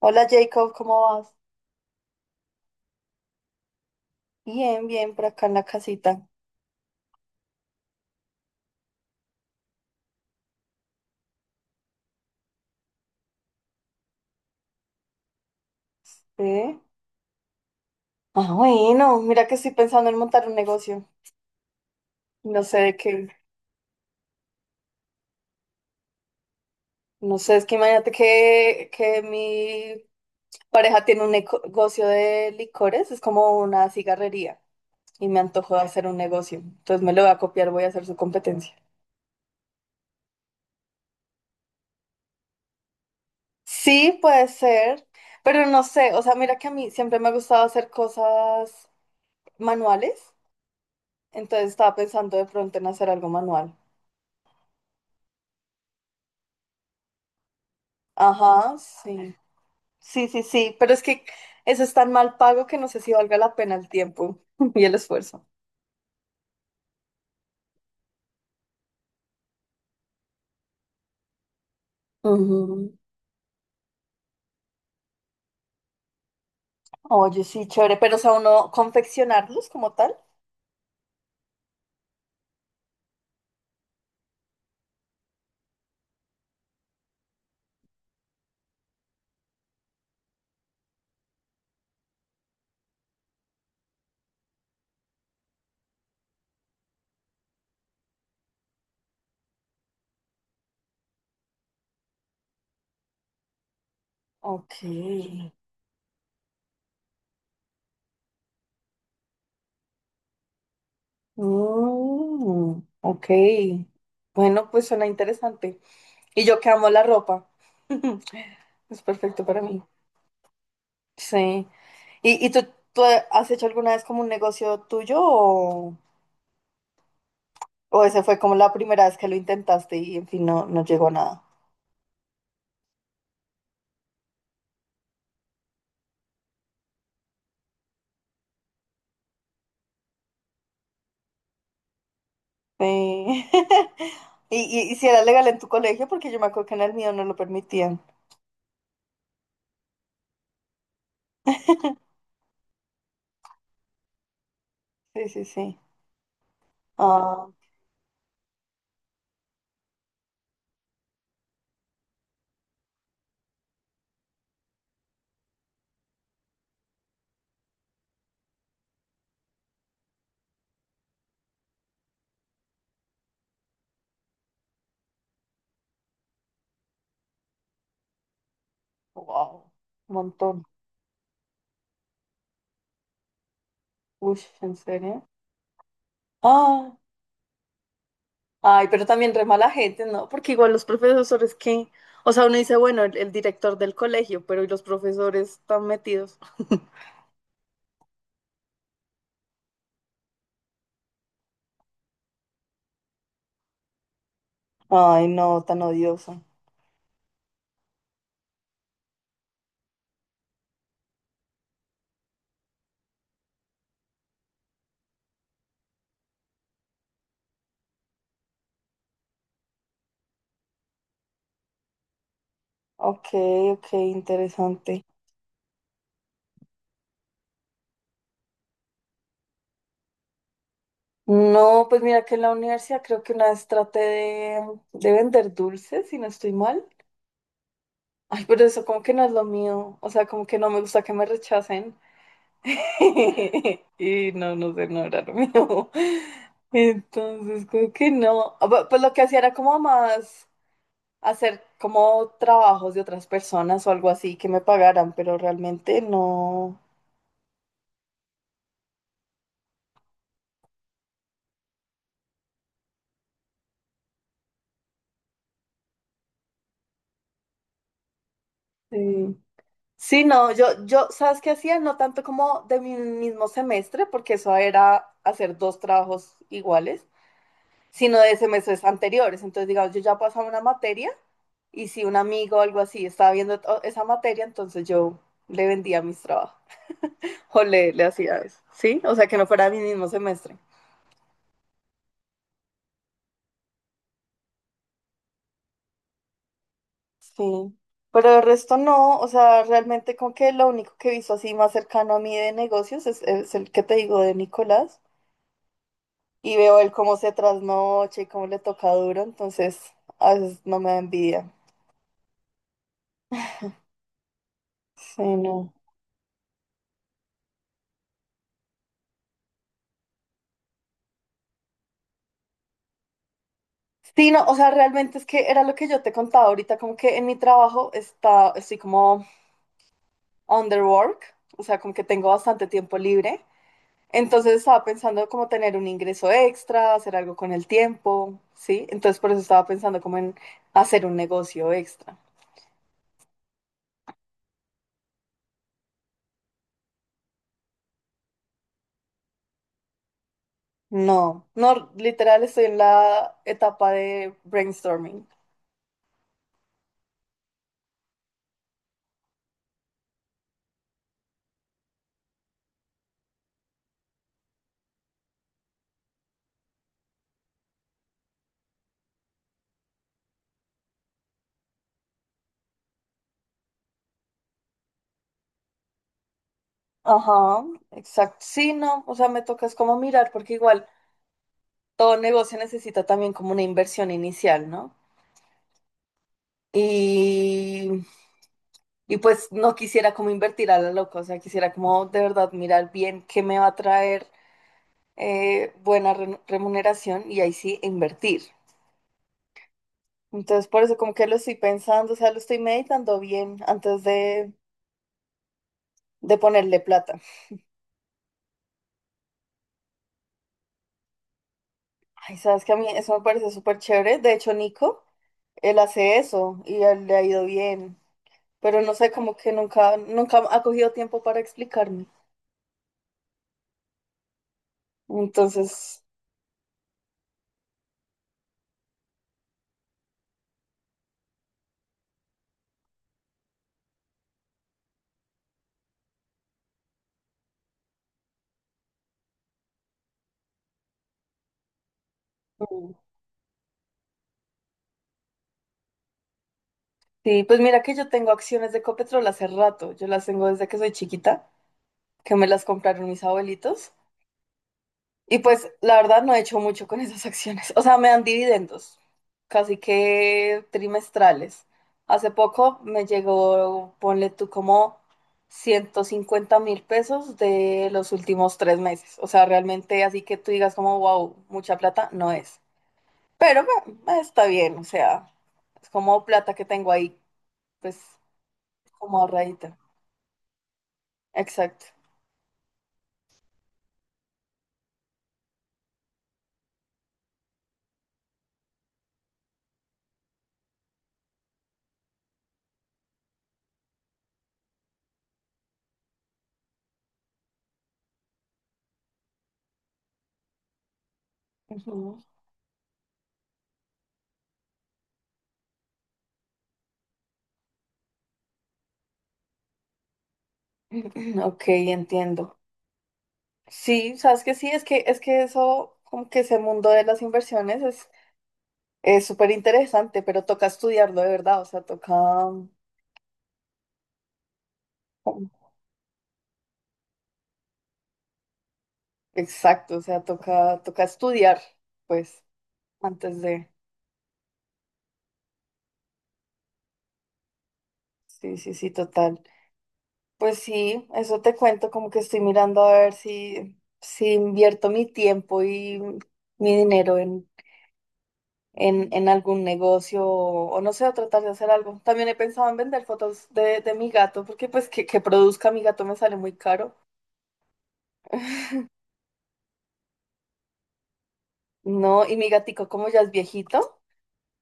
Hola Jacob, ¿cómo vas? Bien, por acá en la casita. ¿Sí? Ah, bueno, mira que estoy pensando en montar un negocio. No sé de qué, no sé, es que imagínate que mi pareja tiene un negocio de licores, es como una cigarrería y me antojó de hacer un negocio. Entonces me lo voy a copiar, voy a hacer su competencia. Sí, puede ser, pero no sé, o sea, mira que a mí siempre me ha gustado hacer cosas manuales, entonces estaba pensando de pronto en hacer algo manual. Ajá, sí. Sí, pero es que eso es tan mal pago que no sé si valga la pena el tiempo y el esfuerzo. Ujú. Oye, sí, chévere, pero o sea, uno confeccionarlos como tal. Ok. Mm, ok. Bueno, pues suena interesante. Y yo que amo la ropa. Es perfecto para mí. Sí. ¿Y tú has hecho alguna vez como un negocio tuyo o ese fue como la primera vez que lo intentaste y en fin no, no llegó a nada? Sí. Y si era legal en tu colegio, porque yo me acuerdo que en el mío no lo permitían. Sí. Ah, wow. Un montón. Uy, ¿en serio? Ah, ay, pero también re mala gente, ¿no? Porque igual los profesores que, o sea, uno dice, bueno, el director del colegio, pero ¿y los profesores están metidos? Ay, no, tan odioso. Ok, ok, interesante. No, pues mira que en la universidad creo que una vez traté de vender dulces, si no estoy mal. Ay, pero eso como que no es lo mío. O sea, como que no me gusta que me rechacen. Y no, no sé, no era lo mío. Entonces, como que no. Pues lo que hacía era como más hacer como trabajos de otras personas o algo así que me pagaran, pero realmente no. Sí. Sí, no, yo, ¿sabes qué hacía? No tanto como de mi mismo semestre, porque eso era hacer dos trabajos iguales, sino de semestres anteriores. Entonces, digamos, yo ya pasaba una materia. Y si un amigo o algo así estaba viendo esa materia, entonces yo le vendía mis trabajos o le hacía eso, ¿sí? O sea, que no fuera mi mismo semestre. Sí. Pero el resto no, o sea, realmente como que lo único que he visto así más cercano a mí de negocios es el que te digo de Nicolás. Y veo él cómo se trasnocha y cómo le toca duro, entonces a veces no me da envidia. Sí, no. Sí, no, o sea, realmente es que era lo que yo te contaba ahorita, como que en mi trabajo estoy como underwork, o sea, como que tengo bastante tiempo libre. Entonces estaba pensando como tener un ingreso extra, hacer algo con el tiempo, ¿sí? Entonces por eso estaba pensando como en hacer un negocio extra. No, no, literal estoy en la etapa de brainstorming. Ajá, exacto. Sí, no, o sea, me toca es como mirar, porque igual todo negocio necesita también como una inversión inicial, ¿no? Y y pues no quisiera como invertir a la loca, o sea, quisiera como de verdad mirar bien qué me va a traer buena remuneración y ahí sí invertir. Entonces, por eso como que lo estoy pensando, o sea, lo estoy meditando bien antes de ponerle plata. Ay, sabes que a mí eso me parece súper chévere. De hecho, Nico, él hace eso y a él le ha ido bien, pero no sé, como que nunca ha cogido tiempo para explicarme. Entonces... Sí, pues mira que yo tengo acciones de Copetrol hace rato. Yo las tengo desde que soy chiquita, que me las compraron mis abuelitos. Y pues la verdad no he hecho mucho con esas acciones. O sea, me dan dividendos, casi que trimestrales. Hace poco me llegó, ponle tú como 150.000 pesos de los últimos 3 meses. O sea, realmente así que tú digas como wow, mucha plata, no es. Pero bueno, está bien, o sea, es como plata que tengo ahí, pues como ahorradita. Exacto. Ujú. Ok, entiendo. Sí, sabes que sí, es que eso, como que ese mundo de las inversiones es súper interesante, pero toca estudiarlo de verdad, o sea, toca um, exacto, o sea, toca estudiar, pues, antes de sí, total. Pues sí, eso te cuento, como que estoy mirando a ver si invierto mi tiempo y mi dinero en algún negocio o no sé, a tratar de hacer algo. También he pensado en vender fotos de mi gato, porque pues que produzca mi gato me sale muy caro. No, y mi gatico como ya es viejito,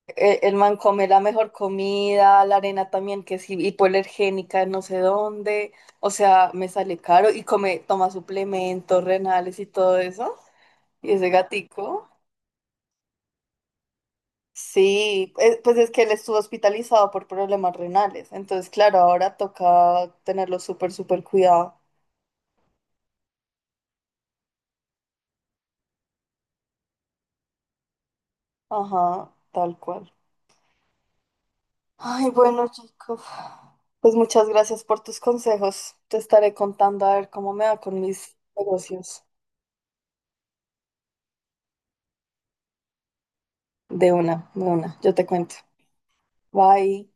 man come la mejor comida, la arena también que es hipoalergénica, de no sé dónde, o sea, me sale caro y come, toma suplementos renales y todo eso. Y ese gatico. Sí, pues es que él estuvo hospitalizado por problemas renales, entonces claro, ahora toca tenerlo súper cuidado. Ajá, tal cual. Ay, bueno, chicos, pues muchas gracias por tus consejos. Te estaré contando a ver cómo me va con mis negocios. De una, yo te cuento. Bye.